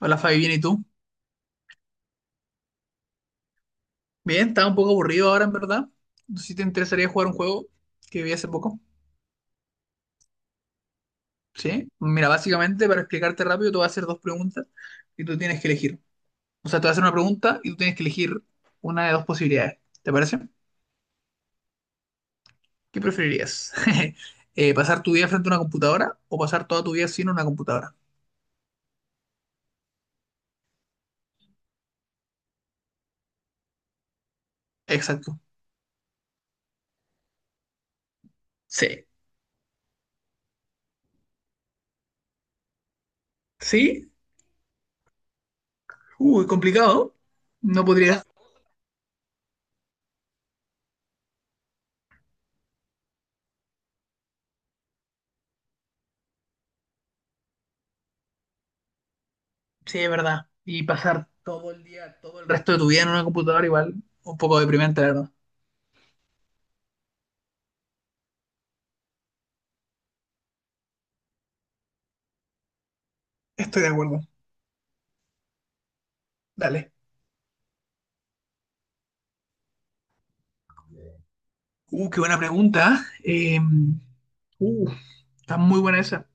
Hola Fabi, bien, ¿y tú? Bien, estaba un poco aburrido ahora en verdad. No sé si te interesaría jugar un juego que vi hace poco. ¿Sí? Mira, básicamente para explicarte rápido, te voy a hacer dos preguntas y tú tienes que elegir. O sea, te voy a hacer una pregunta y tú tienes que elegir una de dos posibilidades. ¿Te parece? ¿Qué preferirías? ¿Pasar tu vida frente a una computadora o pasar toda tu vida sin una computadora? Exacto. Sí. ¿Sí? Uy, complicado. No podría. Sí, es verdad. Y pasar todo el día, todo el resto de tu vida en una computadora igual, un poco deprimente, la verdad. Estoy de acuerdo. Dale. Qué buena pregunta. Uh, Está muy buena esa.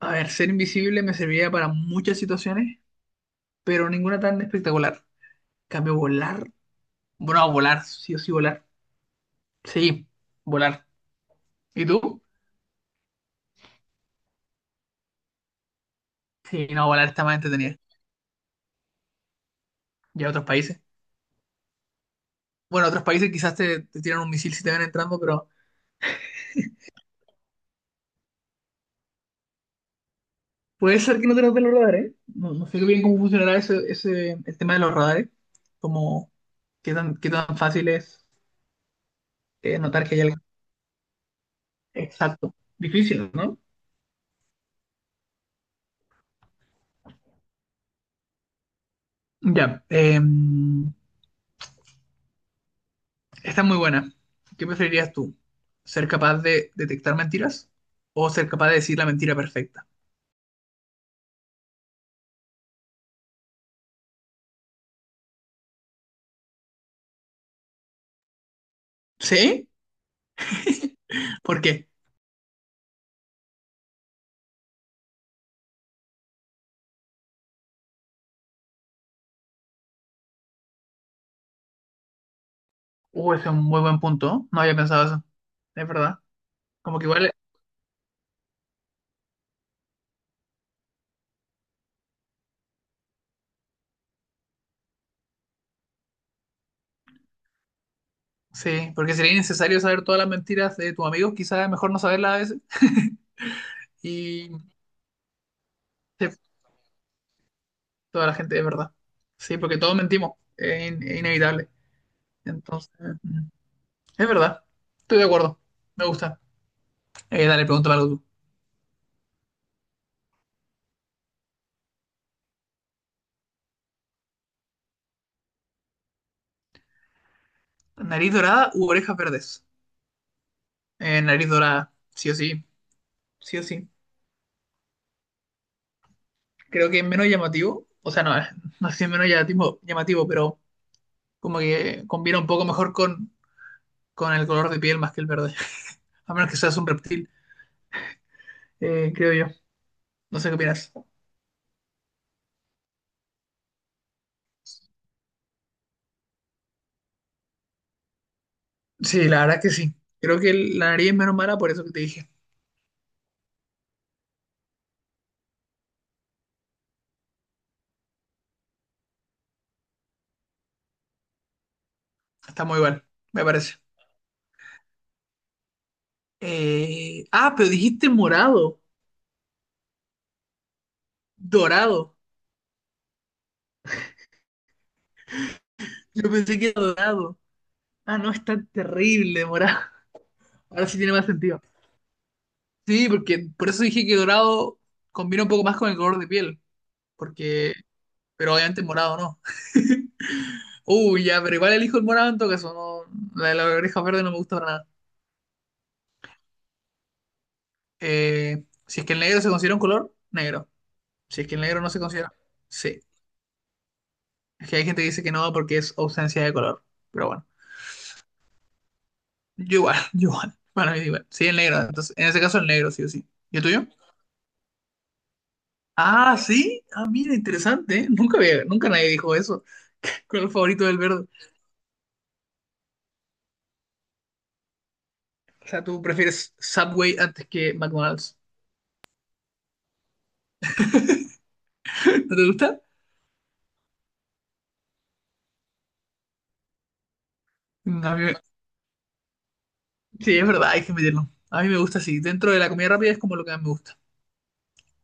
A ver, ser invisible me serviría para muchas situaciones, pero ninguna tan espectacular. En cambio volar. Bueno, no, volar, sí o sí volar. Sí, volar. ¿Y tú? Sí, no, volar está más entretenida. Y a otros países. Bueno, otros países quizás te tiran un misil si te ven entrando, pero puede ser que no tengas de los radares, ¿eh? No, no sé bien cómo funcionará el tema de los radares. Como qué tan fácil es notar que hay algo. Exacto. Difícil, ¿no? Ya, esta es muy buena. ¿Qué preferirías tú? ¿Ser capaz de detectar mentiras o ser capaz de decir la mentira perfecta? ¿Sí? ¿Por qué? Ese es un muy buen punto. No había pensado eso. Es verdad. Como que igual, sí, porque sería innecesario saber todas las mentiras de tus amigos. Quizás es mejor no saberlas a veces. Y sí, toda la gente es verdad. Sí, porque todos mentimos, es, es inevitable. Entonces, mm, es verdad, estoy de acuerdo, me gusta. Dale, pregúntame algo tú. ¿Nariz dorada u orejas verdes? Nariz dorada, sí o sí, sí o sí. Creo que es menos llamativo, o sea, no, no sé si es menos llamativo, pero como que combina un poco mejor con el color de piel más que el verde, a menos que seas un reptil, creo yo. No sé qué opinas. Sí, la verdad es que sí. Creo que la nariz es menos mala por eso que te dije. Está muy bueno, me parece. Ah, pero dijiste morado, dorado. Yo pensé que era dorado. Ah, no, es tan terrible morado. Ahora sí tiene más sentido. Sí, porque por eso dije que dorado combina un poco más con el color de piel. Porque, pero obviamente morado no. Uy, ya, pero igual elijo el morado en todo caso. No, la de las orejas verdes no me gusta para nada. Si es que el negro se considera un color, negro. Si es que el negro no se considera. Sí. Es que hay gente que dice que no porque es ausencia de color. Pero bueno. Yo igual, yo igual. Para mí igual. Sí, el negro. Entonces, en ese caso el negro, sí o sí. ¿Y el tuyo? Ah, sí. Ah, mira, interesante, ¿eh? Nunca nadie dijo eso. ¿Cuál es el favorito del verde? O sea, tú prefieres Subway antes que McDonald's. ¿No te gusta? A mí me- Sí, es verdad, hay que meterlo. A mí me gusta así. Dentro de la comida rápida es como lo que más me gusta.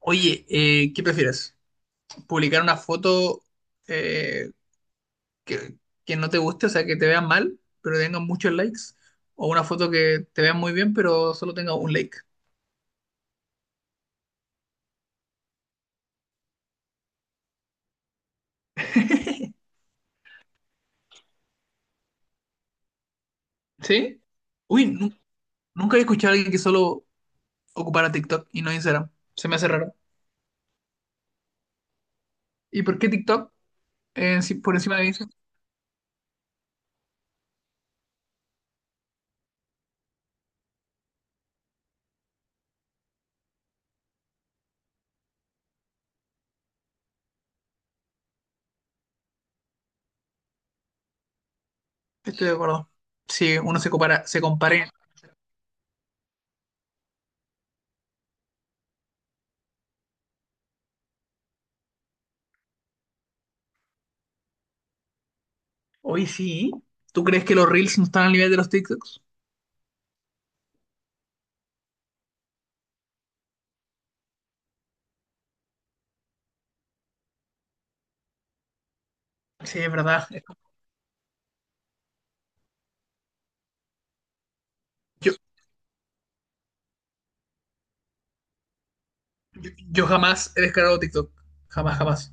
Oye, ¿qué prefieres? ¿Publicar una foto eh, que, que no te guste, o sea, que te vean mal, pero tenga muchos likes? ¿O una foto que te vean muy bien, pero solo tenga un like? ¿Sí? Uy, nunca he escuchado a alguien que solo ocupara TikTok y no Instagram. Se me hace raro. ¿Y por qué TikTok por encima de Instagram? Estoy de acuerdo. Si uno se compara, se compare. Hoy sí. ¿Tú crees que los Reels no están al nivel de los TikToks? Sí, es verdad. Yo, yo jamás he descargado TikTok. Jamás, jamás.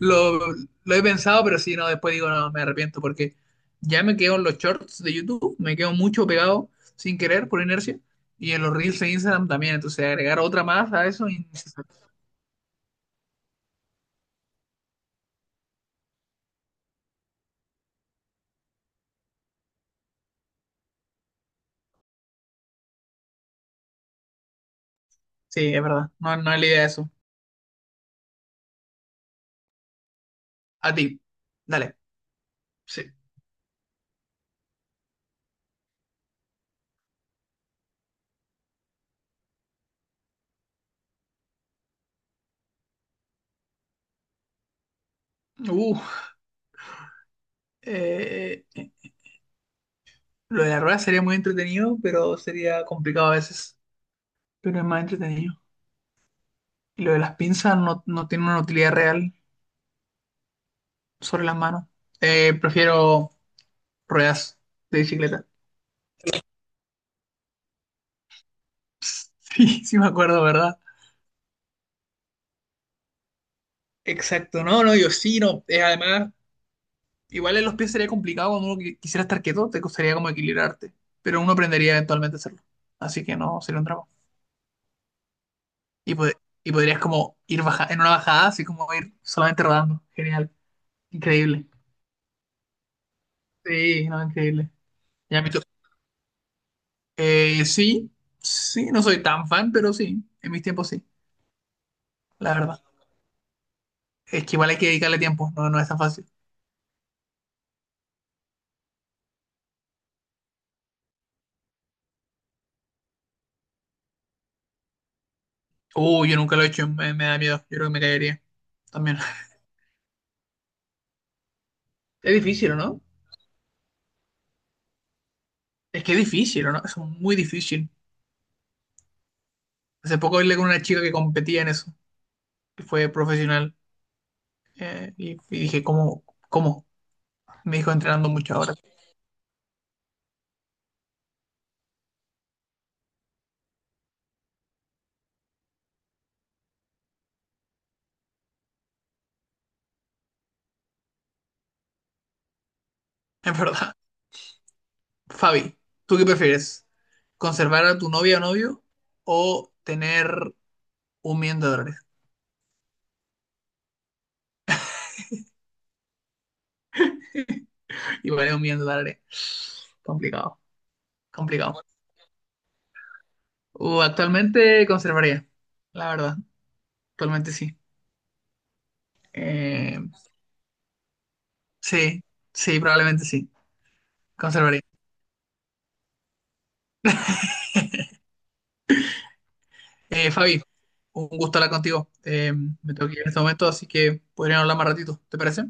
Lo, lo he pensado, pero sí, no, después digo, no, me arrepiento porque ya me quedo en los shorts de YouTube, me quedo mucho pegado sin querer por inercia y en los reels de Instagram también, entonces agregar otra más a eso, innecesario. Sí, es verdad, no, no es la idea de eso. A ti, dale, sí. Uh, eh, lo de la rueda sería muy entretenido, pero sería complicado a veces, pero es más entretenido. Y lo de las pinzas no, no tiene una utilidad real sobre las manos. Prefiero ruedas de bicicleta. Sí, sí me acuerdo, ¿verdad? Exacto, no, no, yo sí, no. Además, igual en los pies sería complicado cuando uno quisiera estar quieto, te costaría como equilibrarte, pero uno aprendería eventualmente a hacerlo. Así que no, sería un drama. Y, pod- y podrías como ir baja en una bajada, así como ir solamente rodando. Genial, increíble. Sí, no, increíble. Ya me to- sí, sí, no soy tan fan, pero sí, en mis tiempos sí, la verdad. Es que igual hay que dedicarle tiempo, no, no es tan fácil. Yo nunca lo he hecho, me da miedo, yo creo que me caería también. Es difícil, ¿o no? Es que es difícil, ¿o no? Es muy difícil. Hace poco hablé con una chica que competía en eso, que fue profesional, y dije, ¿cómo? ¿Cómo? Me dijo entrenando muchas horas. Es verdad. Fabi, ¿tú qué prefieres? ¿Conservar a tu novia o novio o tener $1.000.000? Y vale $1.000.000. Complicado, complicado. Actualmente conservaría, la verdad. Actualmente sí. Eh, sí, sí, probablemente sí. Conservaría. Fabi, un gusto hablar contigo. Me tengo que ir en este momento, así que podríamos hablar más ratito. ¿Te parece?